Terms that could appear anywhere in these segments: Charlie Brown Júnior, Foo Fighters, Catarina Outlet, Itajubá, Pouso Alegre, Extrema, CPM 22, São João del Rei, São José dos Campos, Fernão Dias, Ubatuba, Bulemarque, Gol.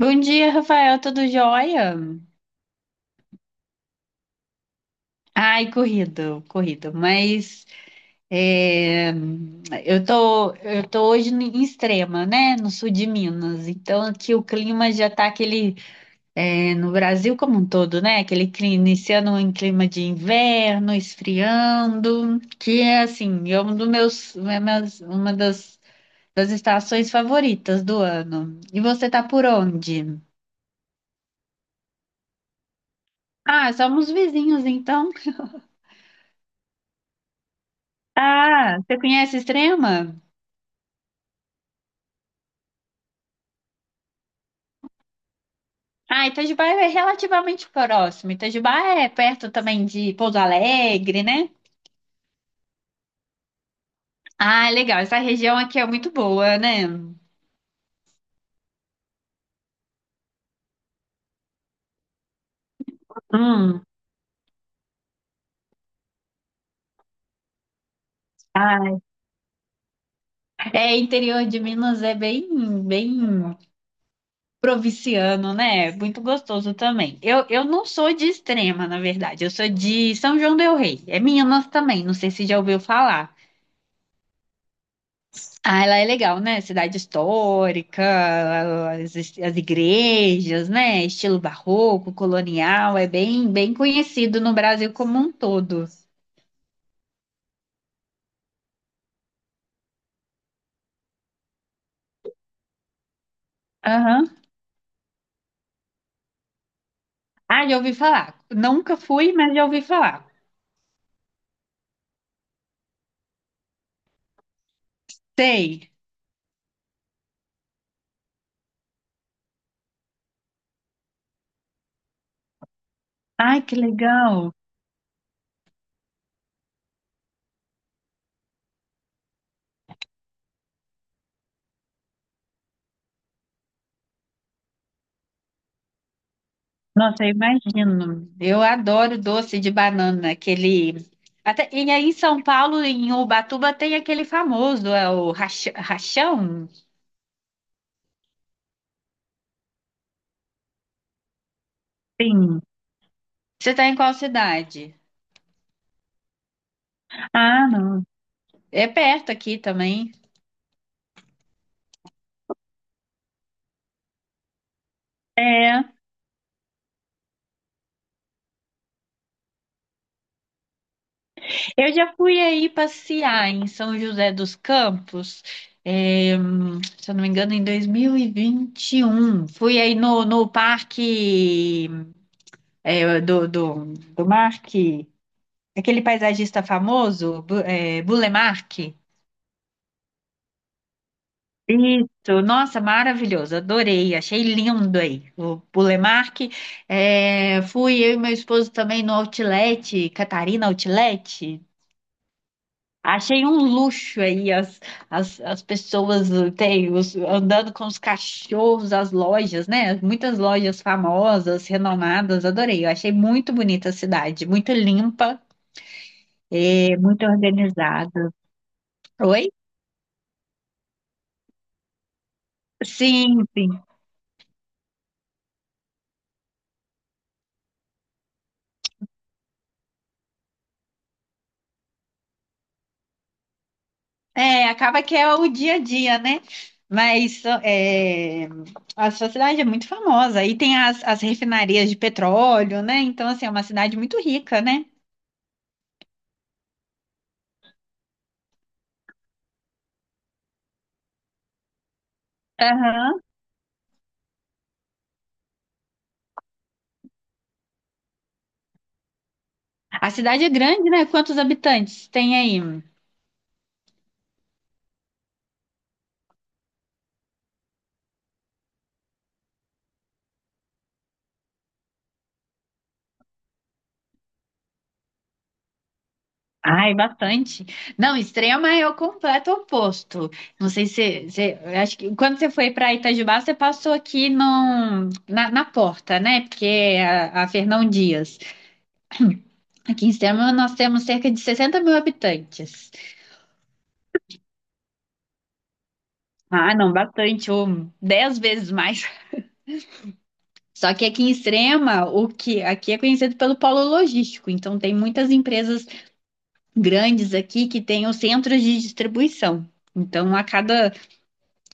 Bom dia, Rafael, tudo jóia? Ai, corrido, corrido, mas é, eu tô hoje em Extrema, né, no sul de Minas, então aqui o clima já tá aquele, no Brasil como um todo, né, aquele clima, iniciando em clima de inverno, esfriando, que é assim, é um dos meus, é meus- uma das estações favoritas do ano. E você tá por onde? Ah, somos vizinhos, então. Ah, você conhece Extrema? Ah, Itajubá é relativamente próximo. Itajubá é perto também de Pouso Alegre, né? Ah, legal. Essa região aqui é muito boa, né? Hum. Ah, é interior de Minas é bem, bem provinciano, né? Muito gostoso também. Eu não sou de Extrema, na verdade. Eu sou de São João del Rei. É Minas também. Não sei se já ouviu falar. Ah, ela é legal, né? Cidade histórica, as igrejas, né? Estilo barroco, colonial, é bem, bem conhecido no Brasil como um todo. Aham. Ah, já ouvi falar. Nunca fui, mas já ouvi falar. Sei. Ai, que legal. Nossa, eu imagino. Eu adoro doce de banana, aquele. E aí em São Paulo, em Ubatuba, tem aquele famoso, é o rachão? Sim. Você está em qual cidade? Ah, não. É perto aqui também. Eu já fui aí passear em São José dos Campos, se eu não me engano, em 2021. Fui aí no parque do Marque, aquele paisagista famoso, Bulemarque. Isso, nossa, maravilhoso, adorei, achei lindo aí o Bulemarque. É, fui eu e meu esposo também no Outlet, Catarina Outlet. Achei um luxo aí as pessoas andando com os cachorros, as lojas, né? Muitas lojas famosas, renomadas, adorei. Eu achei muito bonita a cidade, muito limpa, muito organizada. Oi? Sim, sim. É, acaba que é o dia a dia, né? Mas a sua cidade é muito famosa. E tem as refinarias de petróleo, né? Então, assim, é uma cidade muito rica, né? Aham. A cidade é grande, né? Quantos habitantes tem aí? Ai, bastante. Não, Extrema é o completo oposto. Não sei eu acho que quando você foi para Itajubá, você passou aqui na porta, né? Porque é a Fernão Dias. Aqui em Extrema nós temos cerca de 60 mil habitantes. Ah, não, bastante, ou 10 vezes mais. Só que aqui em Extrema, o que aqui é conhecido pelo polo logístico, então tem muitas empresas grandes aqui que tenham centros de distribuição. Então, a cada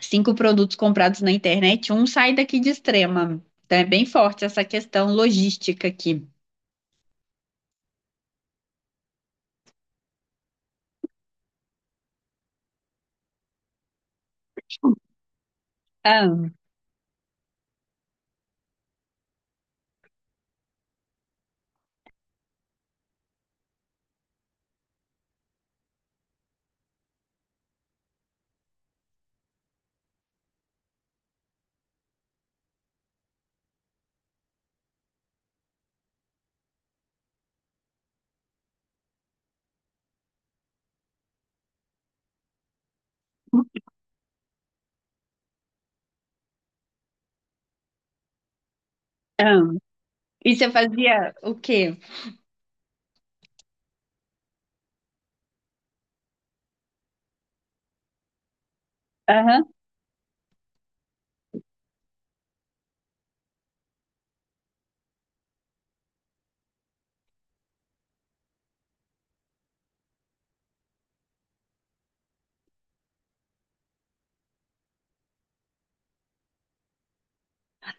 cinco produtos comprados na internet, um sai daqui de Extrema. Então, é bem forte essa questão logística aqui. Ah, ah. E você fazia o quê? Aham.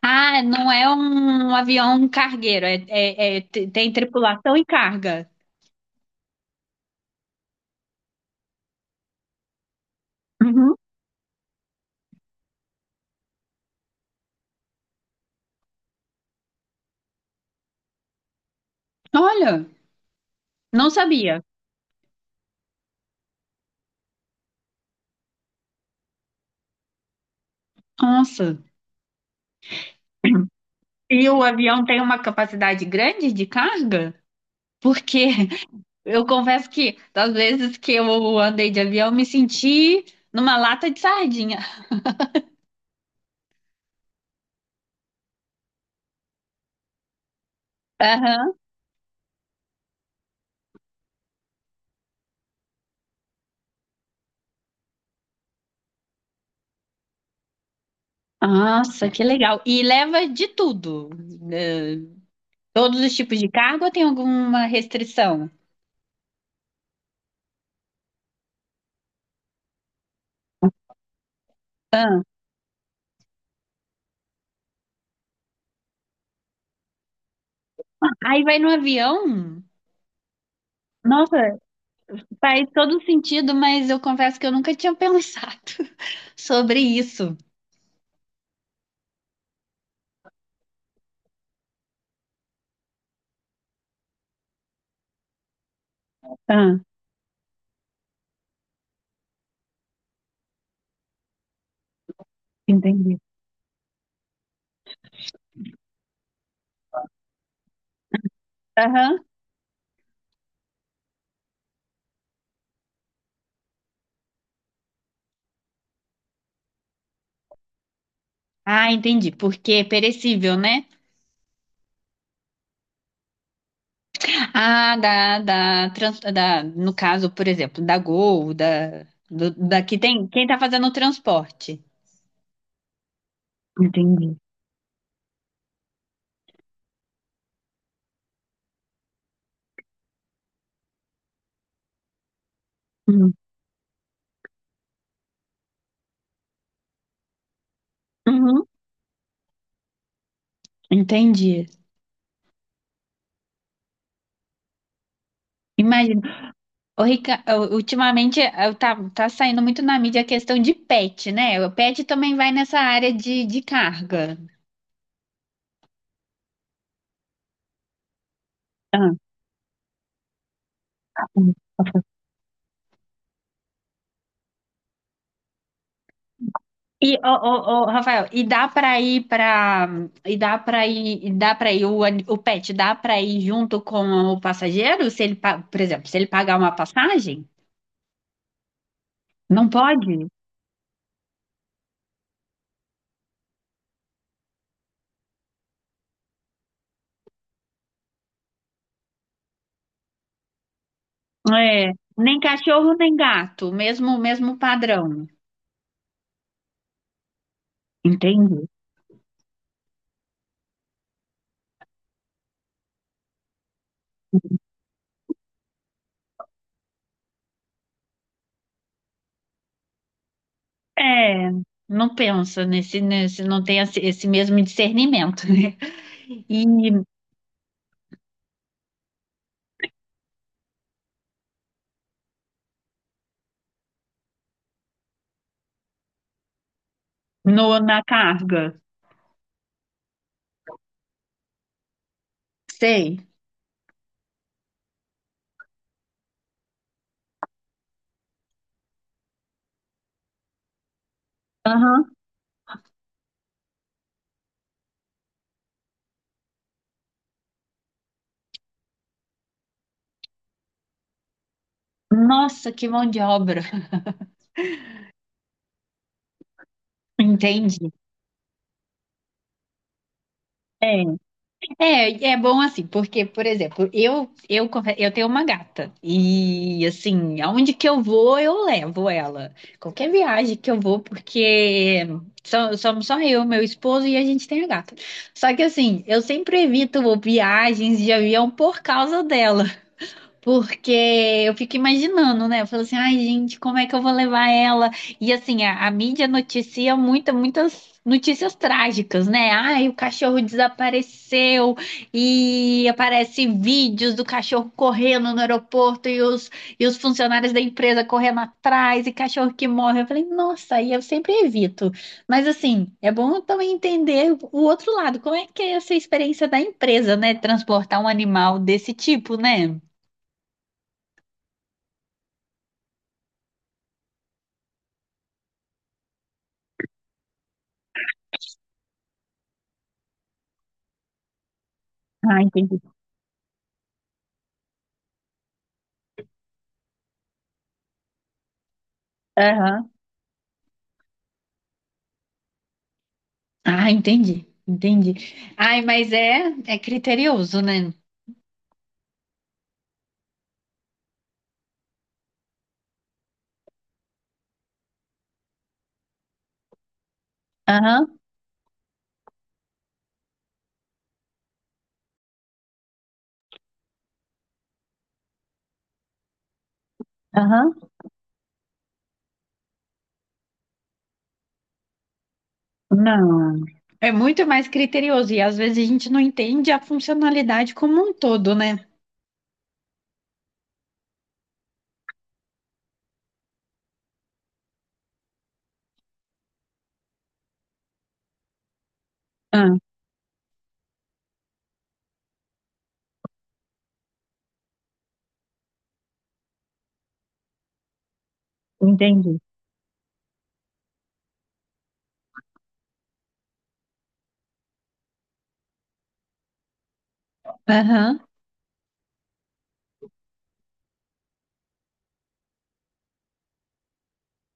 Ah, não é um avião cargueiro, tem tripulação e carga. Uhum. Olha, não sabia. Nossa. E o avião tem uma capacidade grande de carga? Porque eu confesso que das vezes que eu andei de avião, eu me senti numa lata de sardinha. Aham. Nossa, que legal. E leva de tudo. eh, Todos os tipos de cargo ou tem alguma restrição? Ah, aí vai no avião? Nossa, faz todo sentido, mas eu confesso que eu nunca tinha pensado sobre isso. Ah, entendi. Aham. Ah, entendi. Porque é perecível, né? Ah, no caso, por exemplo, da Gol, da, do, da que tem, quem tá fazendo o transporte. Entendi. Hum. Uhum. Entendi. Imagino. Ô, Rica, ô, ultimamente tá saindo muito na mídia a questão de pet, né? O pet também vai nessa área de carga. Ah, tá bom. E ô, Rafael, e dá pra ir pra. e dá para ir o pet, dá pra ir junto com o passageiro, se ele, por exemplo, se ele pagar uma passagem? Não pode? É, nem cachorro nem gato, mesmo mesmo padrão. Entende? É, não pensa nesse não tem esse mesmo discernimento, né? E no na carga. Sei. Aham. Nossa, que mão de obra. Entendi. É, é bom assim, porque, por exemplo, eu tenho uma gata e, assim, aonde que eu vou, eu levo ela. Qualquer viagem que eu vou, porque somos só eu, meu esposo e a gente tem a gata. Só que, assim, eu sempre evito viagens de avião por causa dela. Porque eu fico imaginando, né? Eu falo assim, ai, gente, como é que eu vou levar ela? E assim, a mídia noticia muitas notícias trágicas, né? Ai, o cachorro desapareceu e aparece vídeos do cachorro correndo no aeroporto e os funcionários da empresa correndo atrás e cachorro que morre. Eu falei, nossa, aí eu sempre evito. Mas assim, é bom também entender o outro lado, como é que é essa experiência da empresa, né? Transportar um animal desse tipo, né? Ah, entendi. Aham. Ah, entendi. Entendi. Ai, mas é criterioso, né? Aham, aham. Não. É muito mais criterioso. E às vezes a gente não entende a funcionalidade como um todo, né? Ah, entendi. Aham,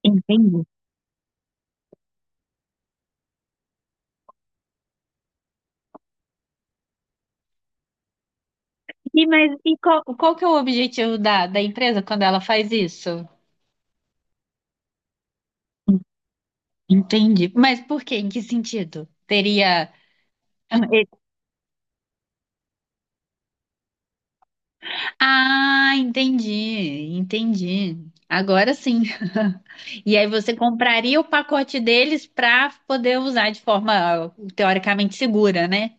entendi. Mas e qual que é o objetivo da empresa quando ela faz isso? Entendi. Mas por quê? Em que sentido? Teria. Ah, entendi, entendi. Agora sim. E aí você compraria o pacote deles para poder usar de forma teoricamente segura, né?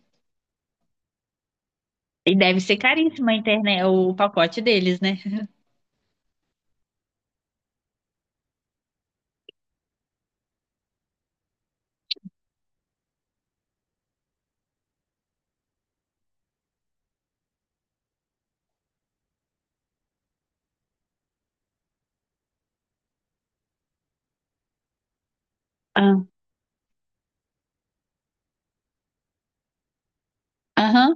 E deve ser caríssimo a internet, o pacote deles, né? Ah, aham,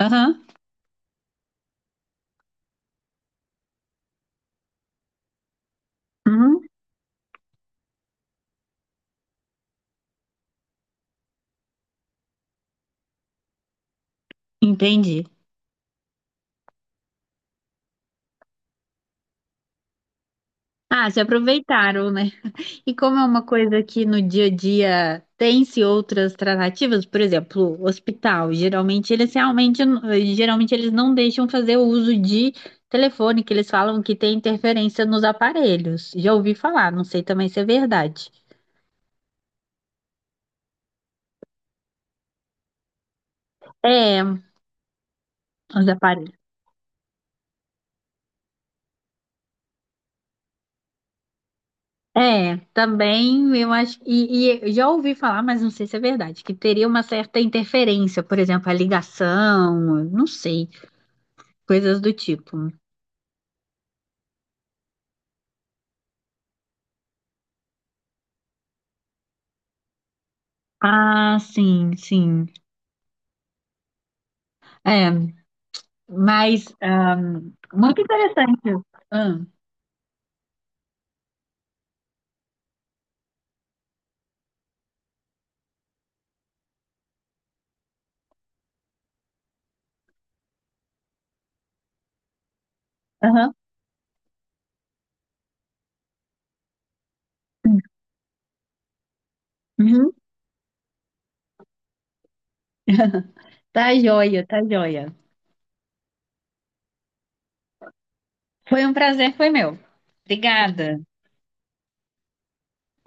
aham, uhum, entendi. Ah, se aproveitaram, né? E como é uma coisa que no dia a dia tem-se outras tratativas, por exemplo, hospital, geralmente eles não deixam fazer o uso de telefone, que eles falam que tem interferência nos aparelhos. Já ouvi falar, não sei também se é verdade. É, os aparelhos. É, também eu acho, e eu já ouvi falar, mas não sei se é verdade, que teria uma certa interferência, por exemplo, a ligação, não sei, coisas do tipo. Ah, sim, sim. É. Mas muito interessante. Ah, aham. Uhum. Tá joia, tá joia. Foi um prazer, foi meu. Obrigada.